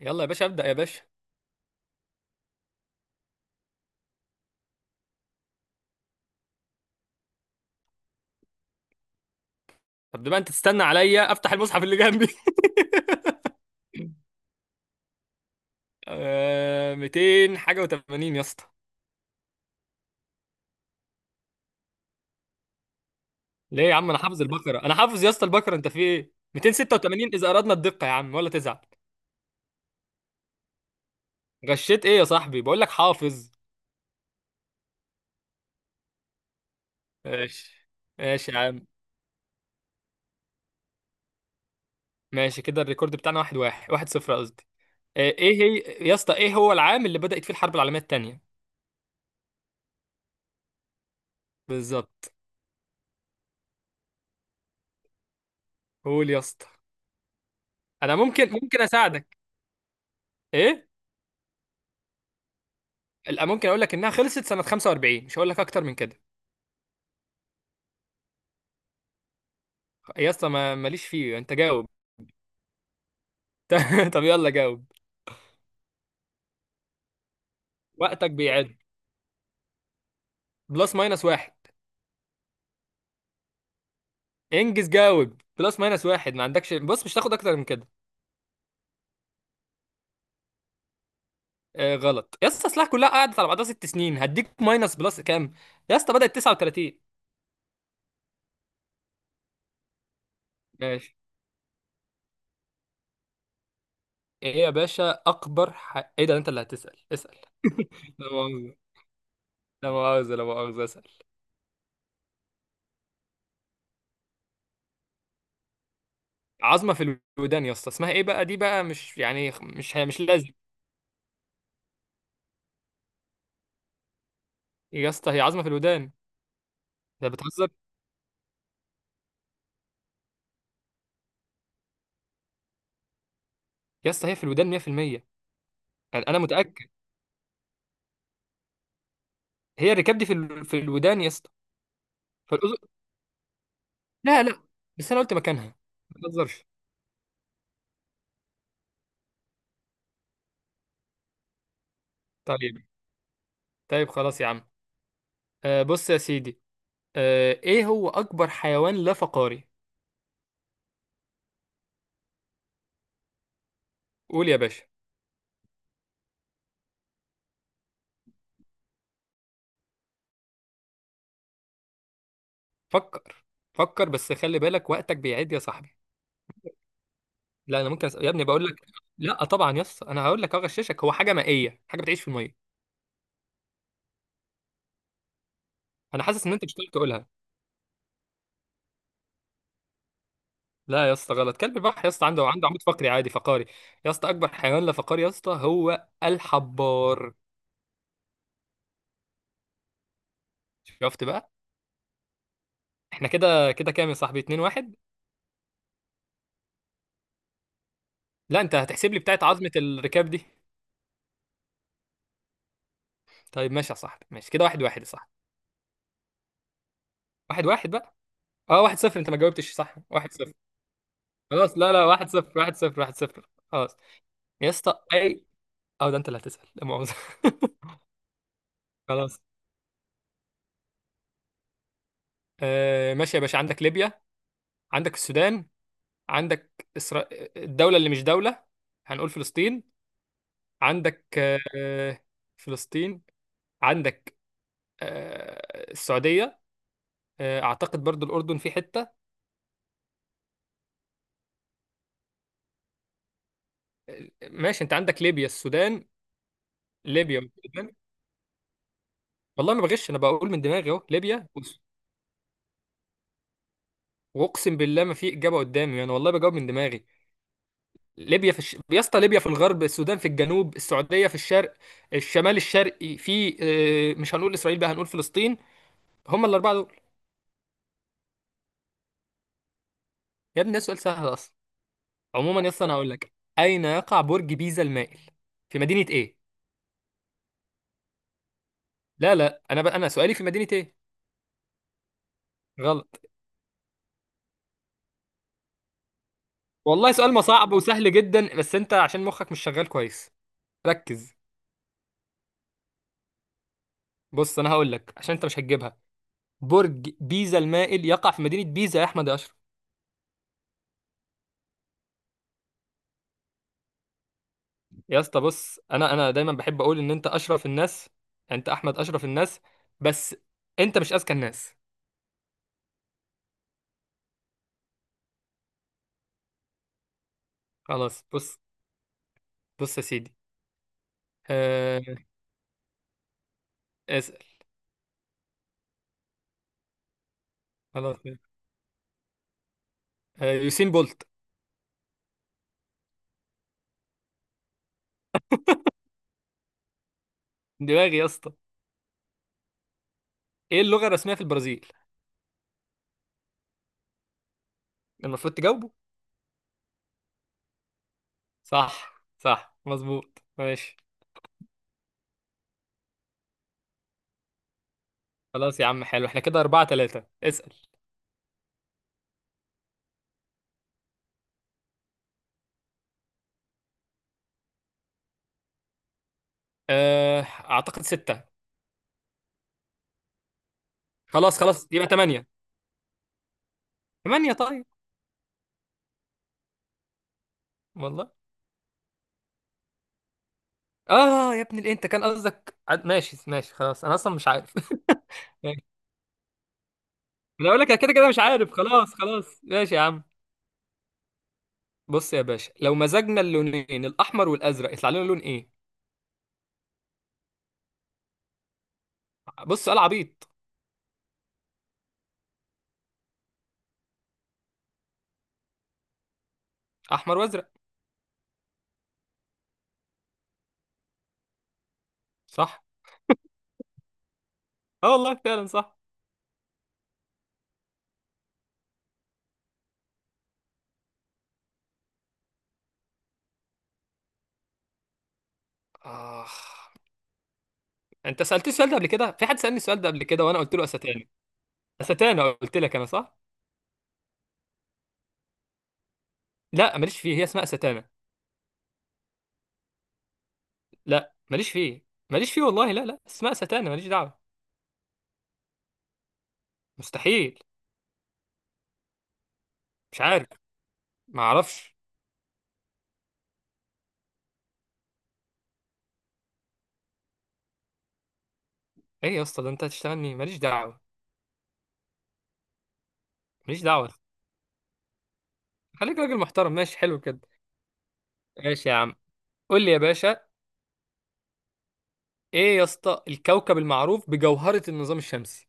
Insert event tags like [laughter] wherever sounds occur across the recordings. يلا يا باشا، ابدأ يا باشا. طب بما انت تستنى عليا، افتح المصحف اللي جنبي. [laughs] آه، 200 حاجه و80 يا اسطى. ليه يا عم، انا حافظ البقره، انا حافظ يا اسطى البقره. انت في ايه؟ 286 اذا اردنا الدقه يا عم، ولا تزعل. غشيت ايه يا صاحبي؟ بقول لك حافظ. ماشي. ماشي يا عم. ماشي كده الريكورد بتاعنا واحد واحد، واحد صفر قصدي. ايه هي؟ يا اسطى ايه هو العام اللي بدأت فيه الحرب العالميه الثانيه؟ بالظبط. قول يا اسطى. انا ممكن اساعدك. ايه؟ لا، ممكن اقول لك انها خلصت سنه 45، مش هقول لك اكتر من كده. يا اسطى ما ماليش فيه، انت جاوب. [laughs] طب يلا جاوب. وقتك بيعد. بلس ماينس واحد. انجز جاوب، بلس ماينس واحد ما عندكش. بص مش هتاخد اكتر من كده. آه غلط يا اسطى، اصلها كلها قعدت على بعضها 6 سنين، هديك ماينس بلس كام. يا اسطى بدأت 39. ماشي. ايه يا باشا اكبر ايه ده؟ انت اللي هتسأل، اسأل. [laughs] لا مؤاخذة، لا مؤاخذة، لا مؤاخذة، اسأل. عظمة في الودان يا اسطى، اسمها ايه بقى؟ دي بقى مش يعني مش مش لازم. يا اسطى هي عظمة في الودان. انت بتهزر. يا اسطى هي في الودان 100%. أنا متأكد. هي الركاب دي في في الودان يا اسطى. فالأذن. لا لا، بس انا قلت مكانها. ما تهزرش. طيب. طيب خلاص يا عم. آه بص يا سيدي. آه، ايه هو اكبر حيوان لا فقاري؟ قول يا باشا. فكر. فكر بس خلي بالك وقتك بيعد يا صاحبي. لا انا ممكن أسأل. يا ابني بقول لك. لا طبعا يا اسطى، انا هقول لك اغششك. هو حاجه مائيه، حاجه بتعيش في الميه. انا حاسس ان انت مش هتقدر تقولها. لا يا اسطى غلط. كلب البحر يا اسطى عنده عمود فقري عادي فقاري. يا اسطى اكبر حيوان لا فقاري يا اسطى هو الحبار. شفت بقى. احنا كده كده كام يا صاحبي؟ 2 1. لا انت هتحسب لي بتاعت عظمة الركاب دي. طيب ماشي يا صاحبي. ماشي كده، واحد واحد يا صاحبي. واحد واحد بقى. اه واحد صفر. انت ما جاوبتش صح، واحد صفر. خلاص. لا لا، واحد صفر، واحد صفر، واحد صفر، خلاص. يا اسطى اي. اه ده انت اللي هتسأل، لا مؤاخذة. [laughs] خلاص. آه ماشي يا باشا، عندك ليبيا، عندك السودان، عندك الدولة اللي مش دولة، هنقول فلسطين. عندك آه فلسطين. عندك آه السعودية. آه اعتقد برضو الأردن في حتة. ماشي انت عندك ليبيا السودان، ليبيا والسودان. والله ما بغش، انا بقول من دماغي اهو، ليبيا واقسم بالله ما في اجابه قدامي، انا والله بجاوب من دماغي. ليبيا في يا اسطى ليبيا في الغرب، السودان في الجنوب، السعوديه في الشرق. الشمال الشرقي في مش هنقول اسرائيل بقى، هنقول فلسطين. هم الاربعه دول. يا ابني ده سؤال سهل اصلا. عموما يا اسطى انا هقول لك. اين يقع برج بيزا المائل، في مدينه ايه؟ لا لا، انا بقى انا سؤالي في مدينه ايه. غلط. والله سؤال ما صعب وسهل جدا، بس انت عشان مخك مش شغال كويس. ركز. بص انا هقول لك عشان انت مش هتجيبها. برج بيزا المائل يقع في مدينه بيزا يا احمد يا اشرف. يا اسطى بص، انا دايما بحب اقول ان انت اشرف الناس. انت احمد اشرف الناس، بس انت مش اذكى الناس. خلاص بص. بص يا سيدي. آه اسال. خلاص. آه يوسين بولت. دماغي يا اسطى. ايه اللغه الرسميه في البرازيل؟ المفروض تجاوبه. صح صح مظبوط ماشي. خلاص يا عم، حلو. احنا كده 4-3. اسأل. آه أعتقد ستة. خلاص خلاص يبقى ثمانية. ثمانية طيب. والله. اه يا ابني ليه؟ انت كان قصدك ماشي ماشي خلاص، انا اصلا مش عارف. [laughs] ماشي. انا اقول لك أنا كده كده مش عارف. خلاص خلاص ماشي يا عم. بص يا باشا، لو مزجنا اللونين الاحمر والازرق، يطلع لنا لون ايه؟ بص سؤال عبيط. احمر وازرق. صح. اه والله فعلا صح. آه. انت سألت السؤال ده قبل كده. في حد سألني السؤال ده قبل كده وانا قلت له استانه. استانه، قلت لك انا صح. لا ماليش فيه، هي اسمها استانه. لا ماليش فيه، ماليش فيه والله. لا لا، اسمها استانه، ماليش دعوه. مستحيل. مش عارف. ما اعرفش. ايه يا اسطى ده انت هتشتغل مين؟ ماليش دعوه، ماليش دعوه. خليك راجل محترم، ماشي حلو كده. ماشي يا عم. قول لي يا باشا. ايه يا اسطى الكوكب المعروف بجوهره النظام الشمسي؟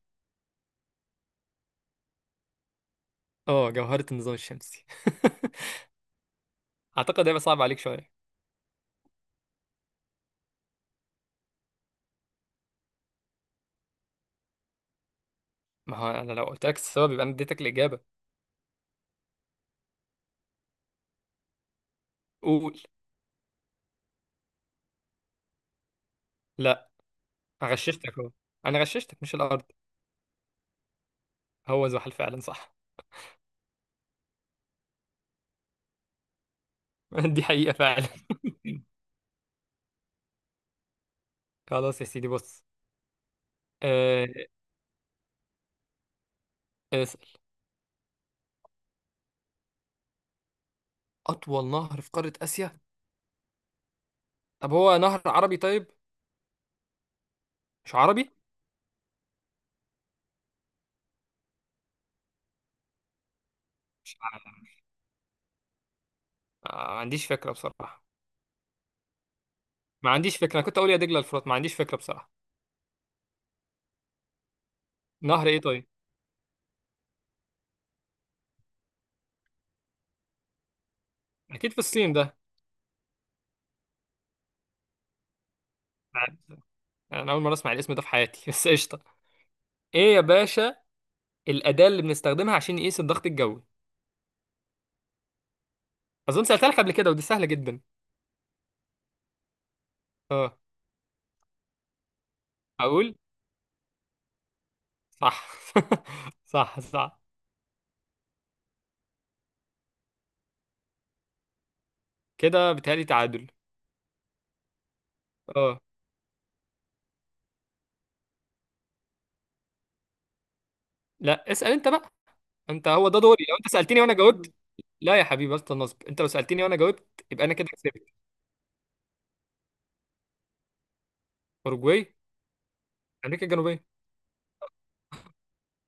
اه جوهره النظام الشمسي. [laughs] اعتقد هيبقى صعب عليك شويه. ما هو انا لو قلت لك السبب، يبقى انا اديتك الاجابه. قول. لا. غششتك اهو. انا غششتك مش الارض. هو زحل فعلا صح. [laughs] دي حقيقه فعلا. خلاص يا سيدي بص. آه، اسال. اطول نهر في قاره اسيا؟ طب هو نهر عربي طيب؟ مش عربي. مش ما عنديش فكرة بصراحة. ما عنديش فكرة، أنا كنت أقول يا دجلة الفرات. ما عنديش فكرة بصراحة. نهر إيه طيب؟ أكيد في الصين ده. أنا أول مرة أسمع الاسم ده في حياتي. [laughs] بس قشطة. إيه يا باشا؟ الأداة اللي بنستخدمها عشان نقيس الضغط الجوي. أظن سألتها لك قبل كده، ودي سهلة جدا. أه. أقول. صح. [laughs] صح صح. كده بيتهيألي تعادل. أه لا، اسأل أنت بقى. أنت هو ده دوري، لو أنت سألتني وأنا جاوبت. لا يا حبيبي بس النصب، أنت لو سألتني وأنا جاوبت يبقى أنا كده كسبت. أوروجواي. أمريكا الجنوبية.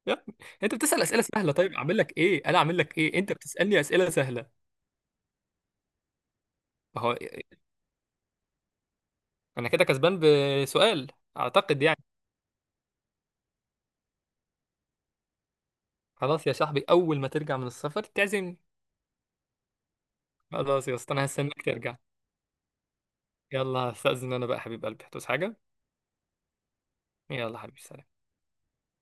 يا ابني انت بتسأل اسئله سهله، طيب اعمل لك ايه؟ انا اعمل لك ايه، انت بتسألني اسئله سهله. ما هو انا كده كسبان بسؤال. اعتقد يعني. خلاص يا صاحبي، اول ما ترجع من السفر تعزمني. خلاص يا اسطى انا هستناك ترجع. يلا هستأذن انا بقى حبيب قلبي، هتوس حاجه. يلا حبيبي سلام.